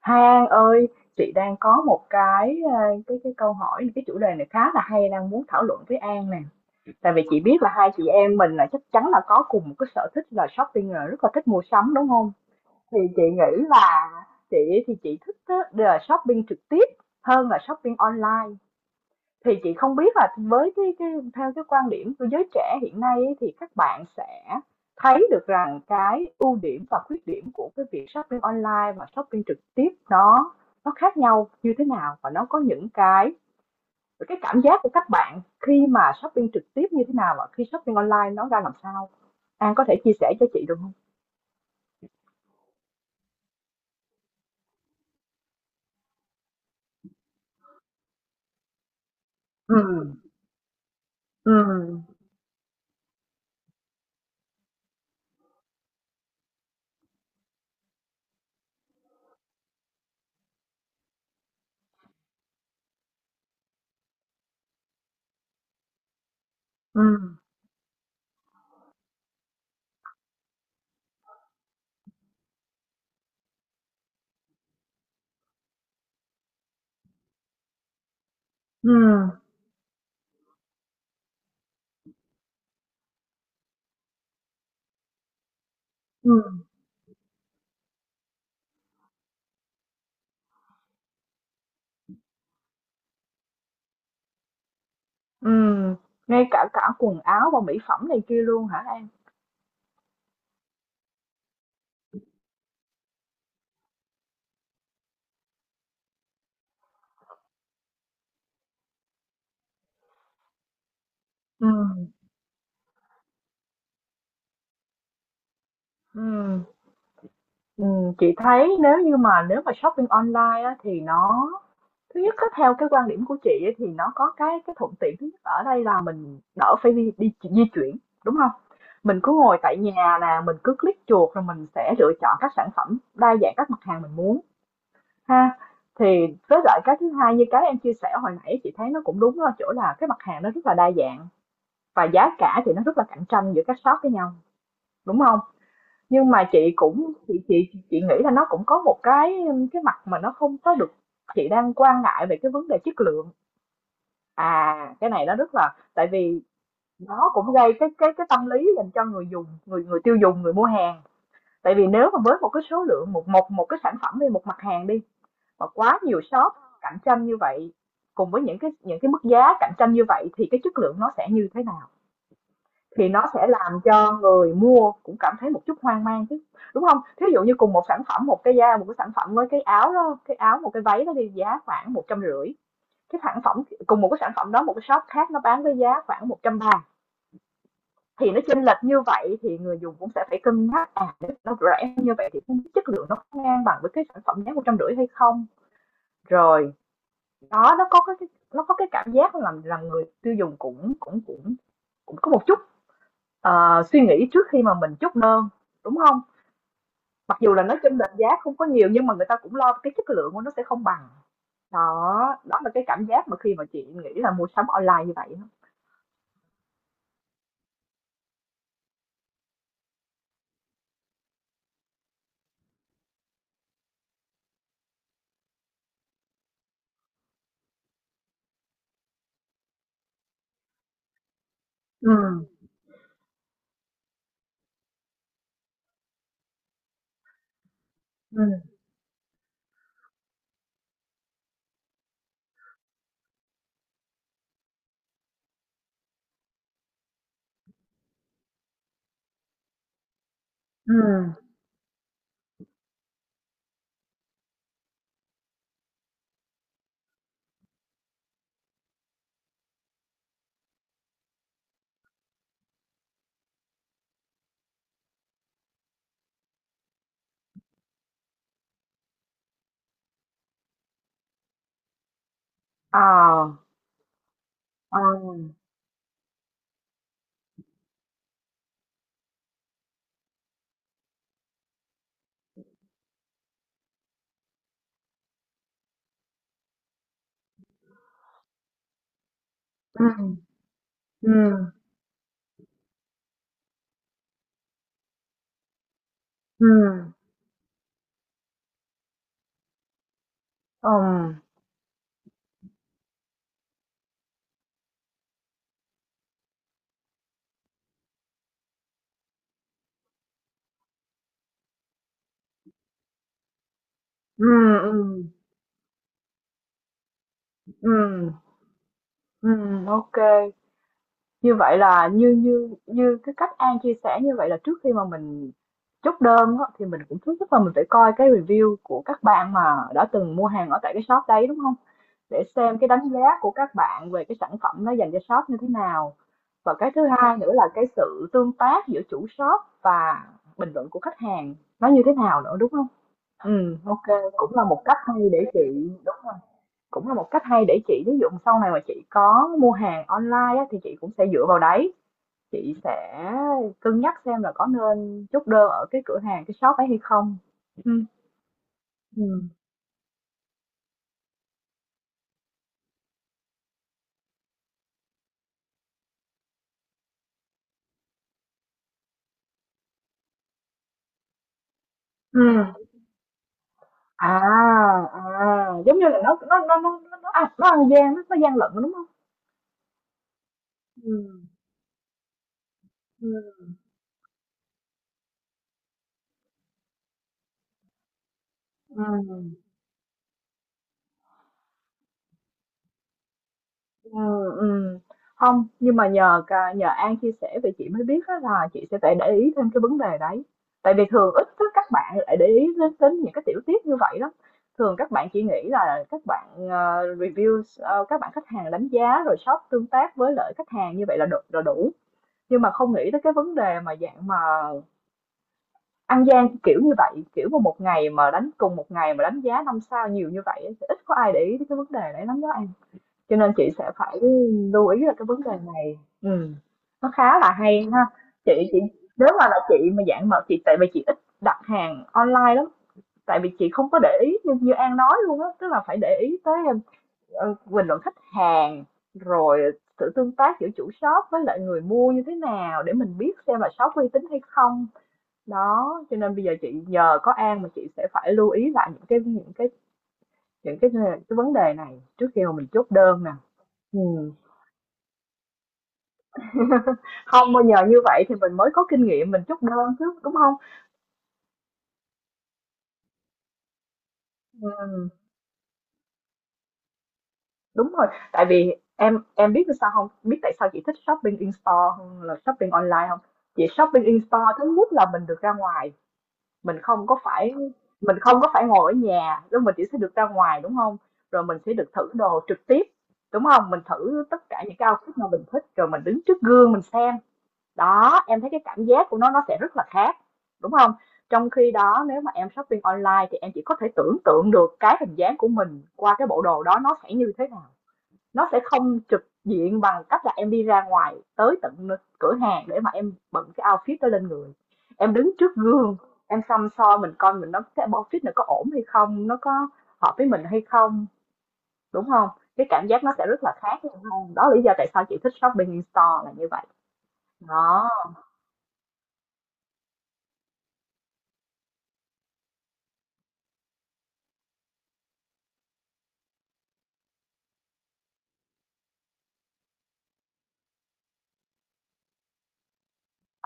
Hai An ơi, chị đang có một cái câu hỏi, cái chủ đề này khá là hay đang muốn thảo luận với An nè. Tại vì chị biết là hai chị em mình là chắc chắn là có cùng một cái sở thích là shopping rồi, rất là thích mua sắm đúng không? Thì chị nghĩ là chị thích á, là shopping trực tiếp hơn là shopping online. Thì chị không biết là với cái theo cái quan điểm của giới trẻ hiện nay ấy, thì các bạn sẽ thấy được rằng cái ưu điểm và khuyết điểm của cái việc shopping online và shopping trực tiếp nó khác nhau như thế nào và nó có những cái cảm giác của các bạn khi mà shopping trực tiếp như thế nào và khi shopping online nó ra làm sao? An có thể chia sẻ cho chị được không? Ừ, ừ, ừ, ừ, ừ. Ừ, ngay cả cả quần áo và mỹ phẩm này kia luôn hả An? Ừ, ừ. Ừ, chị thấy nếu mà shopping online á, thì nó thứ nhất á, theo cái quan điểm của chị ấy, thì nó có cái thuận tiện thứ nhất ở đây là mình đỡ phải đi di chuyển đúng không? Mình cứ ngồi tại nhà nè, mình cứ click chuột rồi mình sẽ lựa chọn các sản phẩm đa dạng các mặt hàng mình muốn ha. Thì với lại cái thứ hai như cái em chia sẻ hồi nãy chị thấy nó cũng đúng ở chỗ là cái mặt hàng nó rất là đa dạng và giá cả thì nó rất là cạnh tranh giữa các shop với nhau đúng không? Nhưng mà chị cũng chị nghĩ là nó cũng có một cái mặt mà nó không có được, chị đang quan ngại về cái vấn đề chất lượng. À, cái này nó rất là tại vì nó cũng gây cái tâm lý dành cho người dùng, người người tiêu dùng, người mua hàng. Tại vì nếu mà với một cái số lượng một một một cái sản phẩm đi, một mặt hàng đi mà quá nhiều shop cạnh tranh như vậy cùng với những cái mức giá cạnh tranh như vậy thì cái chất lượng nó sẽ như thế nào? Thì nó sẽ làm cho người mua cũng cảm thấy một chút hoang mang chứ, đúng không? Thí dụ như cùng một sản phẩm, một cái sản phẩm với cái áo đó, cái áo một cái váy đó đi giá khoảng 150, cái sản phẩm cùng một cái sản phẩm đó một cái shop khác nó bán với giá khoảng 130, thì nó chênh lệch như vậy thì người dùng cũng sẽ phải cân nhắc, à, nó rẻ như vậy thì không chất lượng nó có ngang bằng với cái sản phẩm giá 150 hay không? Rồi, đó, nó có cái cảm giác làm rằng người tiêu dùng cũng cũng cũng cũng có một chút suy nghĩ trước khi mà mình chốt đơn đúng không? Mặc dù là nó chênh lệch giá không có nhiều nhưng mà người ta cũng lo cái chất lượng của nó sẽ không bằng, đó, đó là cái cảm giác mà khi mà chị nghĩ là mua sắm online như vậy á. Ừ, ừ, ừ, ờ, ờ, ừ, ừ, ừ, ừ, ừ, ừ, ừ, ừ, ừ, ok. Như vậy là như như như cái cách An chia sẻ như vậy là trước khi mà mình chốt đơn á, thì mình cũng thứ nhất là mình phải coi cái review của các bạn mà đã từng mua hàng ở tại cái shop đấy đúng không? Để xem cái đánh giá của các bạn về cái sản phẩm nó dành cho shop như thế nào. Và cái thứ hai nữa là cái sự tương tác giữa chủ shop và bình luận của khách hàng nó như thế nào nữa đúng không? Ừ, ok, cũng là một cách hay để chị đúng rồi. Cũng là một cách hay để chị ví dụ sau này mà chị có mua hàng online á, thì chị cũng sẽ dựa vào đấy, chị sẽ cân nhắc xem là có nên chốt đơn ở cái cửa hàng, cái shop ấy hay không. Ừm, ừm. Ừ. À, à, giống như là nó ăn gian, nó gian lận đúng không? Ừm, ừm, ừm. Ừ, ừm. Hông, nhưng mà nhờ An chia sẻ vậy chị mới biết á là chị sẽ phải để ý thêm cái vấn đề đấy. Tại vì thường ít có các bạn lại để ý đến đến những cái tiểu tiết như vậy lắm. Thường các bạn chỉ nghĩ là các bạn, review, các bạn khách hàng đánh giá rồi shop tương tác với lại khách hàng như vậy là đủ, nhưng mà không nghĩ tới cái vấn đề mà dạng mà ăn gian kiểu như vậy, kiểu mà một ngày mà đánh cùng một ngày mà đánh giá 5 sao nhiều như vậy á, thì ít có ai để ý tới cái vấn đề đấy lắm đó An, cho nên chị sẽ phải lưu ý là cái vấn đề này. Ừ. Nó khá là hay ha, chị nếu mà là chị mà dạng mà chị tại vì chị ít đặt hàng online lắm tại vì chị không có để ý như, như An nói luôn á tức là phải để ý tới bình luận khách hàng rồi sự tương tác giữa chủ shop với lại người mua như thế nào để mình biết xem là shop uy tín hay không đó cho nên bây giờ chị nhờ có An mà chị sẽ phải lưu ý lại những cái những cái những cái vấn đề này trước khi mà mình chốt đơn nè. Ừ. Không, bây giờ như vậy thì mình mới có kinh nghiệm mình chốt đơn chứ, đúng không? Ừm, đúng rồi, tại vì em biết sao không? Biết tại sao chị thích shopping in store hơn là shopping online không? Chị shopping in store thứ nhất là mình được ra ngoài, mình không có phải mình không có phải ngồi ở nhà, lúc mình chỉ sẽ được ra ngoài, đúng không? Rồi mình sẽ được thử đồ trực tiếp, đúng không? Mình thử tất cả những cái outfit mà mình thích, rồi mình đứng trước gương mình xem. Đó em thấy cái cảm giác của nó sẽ rất là khác đúng không? Trong khi đó nếu mà em shopping online thì em chỉ có thể tưởng tượng được cái hình dáng của mình qua cái bộ đồ đó nó sẽ như thế nào, nó sẽ không trực diện bằng cách là em đi ra ngoài tới tận cửa hàng để mà em bận cái outfit đó lên người, em đứng trước gương, em xăm soi mình coi mình nó cái outfit này có ổn hay không nó có hợp với mình hay không đúng không? Cái cảm giác nó sẽ rất là khác đúng không? Đó là lý do tại sao chị thích shopping in store là như vậy đó.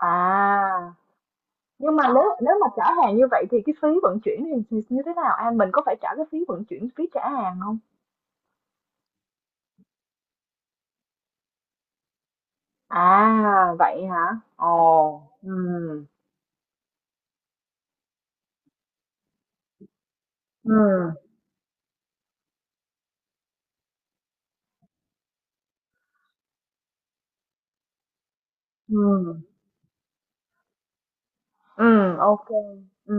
À, nhưng mà nếu nếu mà trả hàng như vậy thì cái phí vận chuyển thì như thế nào An, mình có phải trả cái phí vận chuyển phí trả hàng không? À vậy hả, ồ, ừ. Ừ, ừ, ừ, ok, ừ,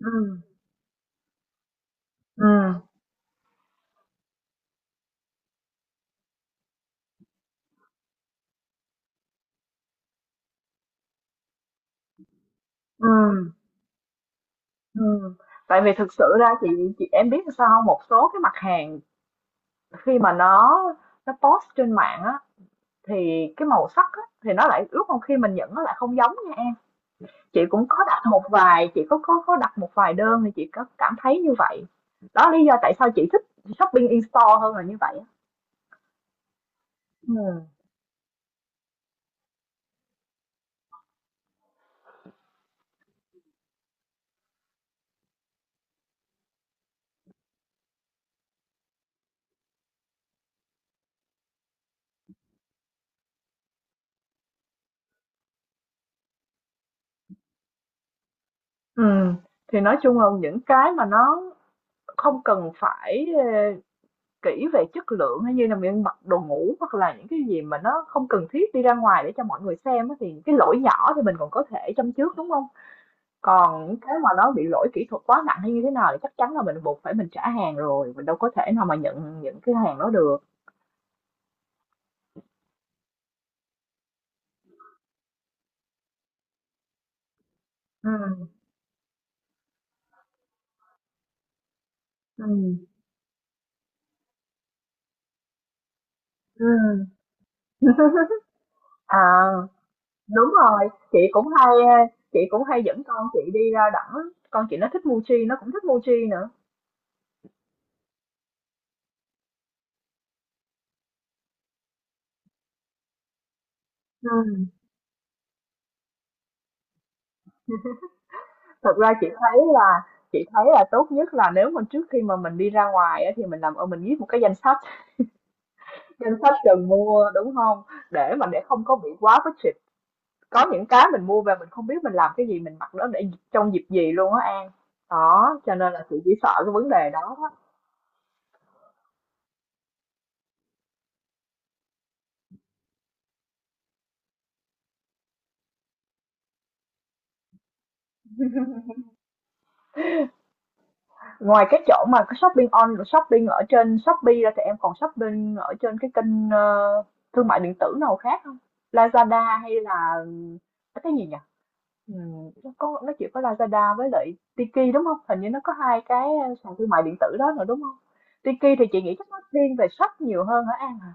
ừ, ừ, ừ, ừ. Tại vì thực sự ra chị em biết sao không? Một số cái mặt hàng khi mà nó post trên mạng á thì cái màu sắc á, thì nó lại ước không khi mình nhận nó lại không giống nha em. Chị cũng có đặt một vài, chị có đặt một vài đơn thì chị có cảm thấy như vậy. Đó lý do tại sao chị thích shopping in store hơn là như vậy á. Ừm. Thì nói chung là những cái mà nó không cần phải, kỹ về chất lượng hay như là miếng mặc đồ ngủ hoặc là những cái gì mà nó không cần thiết đi ra ngoài để cho mọi người xem á, thì cái lỗi nhỏ thì mình còn có thể châm chước, đúng không? Còn những cái mà nó bị lỗi kỹ thuật quá nặng hay như thế nào thì chắc chắn là mình buộc phải mình trả hàng rồi, mình đâu có thể nào mà nhận những cái hàng đó được. Ừm. Ừ, ừ. À, đúng rồi, ờ, chị cũng hay dẫn con chị đi ra đảo á, con chị nó thích Mochi, nó cũng thích Mochi nữa. Ừm, thật ra chị thấy là tốt nhất là nếu mà trước khi mà mình đi ra ngoài á, thì mình làm ơn mình viết một cái danh sách cần mua, đúng không? Để mà để không có bị quá budget, có những cái mình mua về mình không biết mình làm cái gì, mình mặc nó để trong dịp gì luôn á An. Đó, cho nên là chị chỉ sợ cái vấn đề đó đó. Ngoài cái chỗ mà cái shopping on shopping ở trên Shopee ra thì em còn shopping ở trên cái kênh, thương mại điện tử nào khác không? Lazada hay là cái gì nhỉ? Nó có nó chỉ có Lazada với lại Tiki, đúng không? Hình như nó có hai cái, sàn thương mại điện tử đó rồi, đúng không? Tiki thì chị nghĩ chắc nó thiên về shop nhiều hơn hả An hả?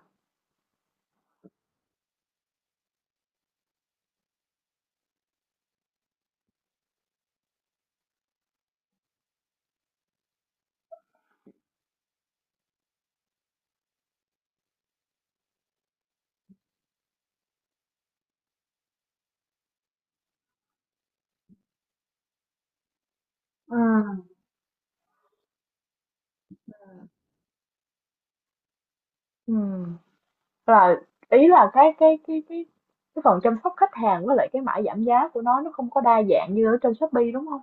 Ừm, ừm, là ý là cái cái phần chăm sóc khách hàng với lại cái mã giảm giá của nó không có đa dạng như ở trên Shopee, đúng không?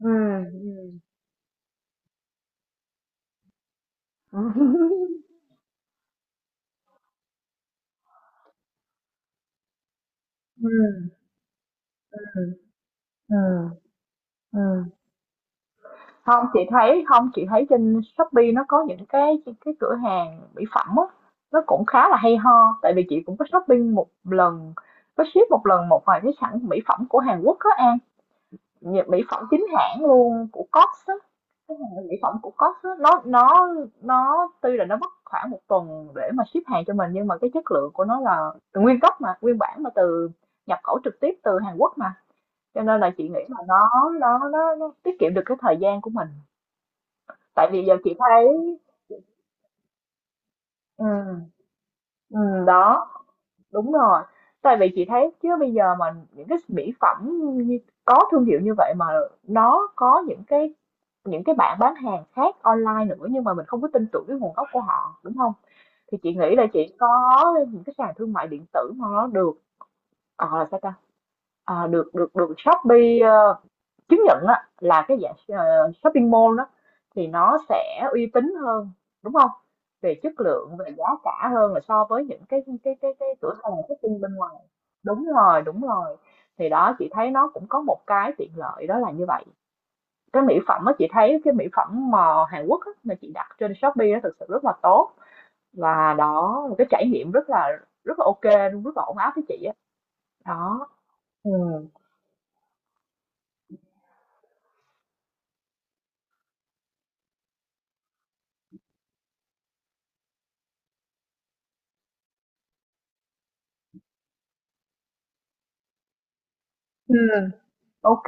Ừm, ừm. Ừm, ừm, ừm, ừm. Hông, chị thấy không, chị thấy trên Shopee nó có những cái cửa hàng mỹ phẩm á, nó cũng khá là hay ho, tại vì chị cũng có shopping một lần, có ship một lần một vài cái sản mỹ phẩm của Hàn Quốc á An, nhờ mỹ phẩm chính hãng luôn của Cost á, cái hàng mỹ phẩm của Cost á, nó tuy là nó mất khoảng một tuần để mà ship hàng cho mình nhưng mà cái chất lượng của nó là nguyên gốc mà, nguyên bản mà từ nhập khẩu trực tiếp từ Hàn Quốc mà. Cho nên là chị nghĩ là nó tiết kiệm được cái thời gian của mình tại vì giờ chị thấy ừ, ừ, đó, đúng rồi. Tại vì chị thấy chứ bây giờ mà những cái mỹ phẩm như- có thương hiệu như vậy mà nó có những cái bạn bán hàng khác online nữa nhưng mà mình không có tin tưởng cái nguồn gốc của họ, đúng không? Thì chị nghĩ là chị có những cái sàn thương mại điện tử mà nó được ờ là sao ta được được được Shopee chứng nhận á là cái dạng shopping mall đó thì nó sẽ uy tín hơn, đúng không? Về chất lượng, về giá cả hơn là so với những cái cửa hàng shopping bên ngoài. Đúng rồi, đúng rồi, thì đó chị thấy nó cũng có một cái tiện lợi đó là như vậy. Cái mỹ phẩm á, chị thấy cái mỹ phẩm mà Hàn Quốc á, mà chị đặt trên Shopee á thực sự rất là tốt, và đó một cái trải nghiệm rất là ok luôn, rất là ổn áp với chị á. Đó, ừ. Ừ. OK,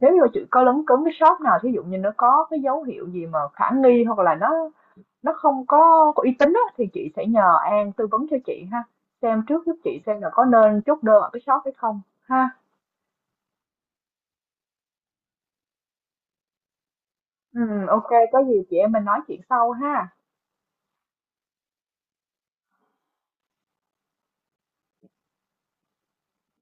nếu như chị có lấn cấn cái shop nào thí dụ như nó có cái dấu hiệu gì mà khả nghi hoặc là nó không có uy tín á, thì chị sẽ nhờ An tư vấn cho chị ha, xem trước giúp chị xem là có nên chốt đơn ở cái shop hay không ha. Ừ, OK, có gì chị em mình nói chuyện sau ha.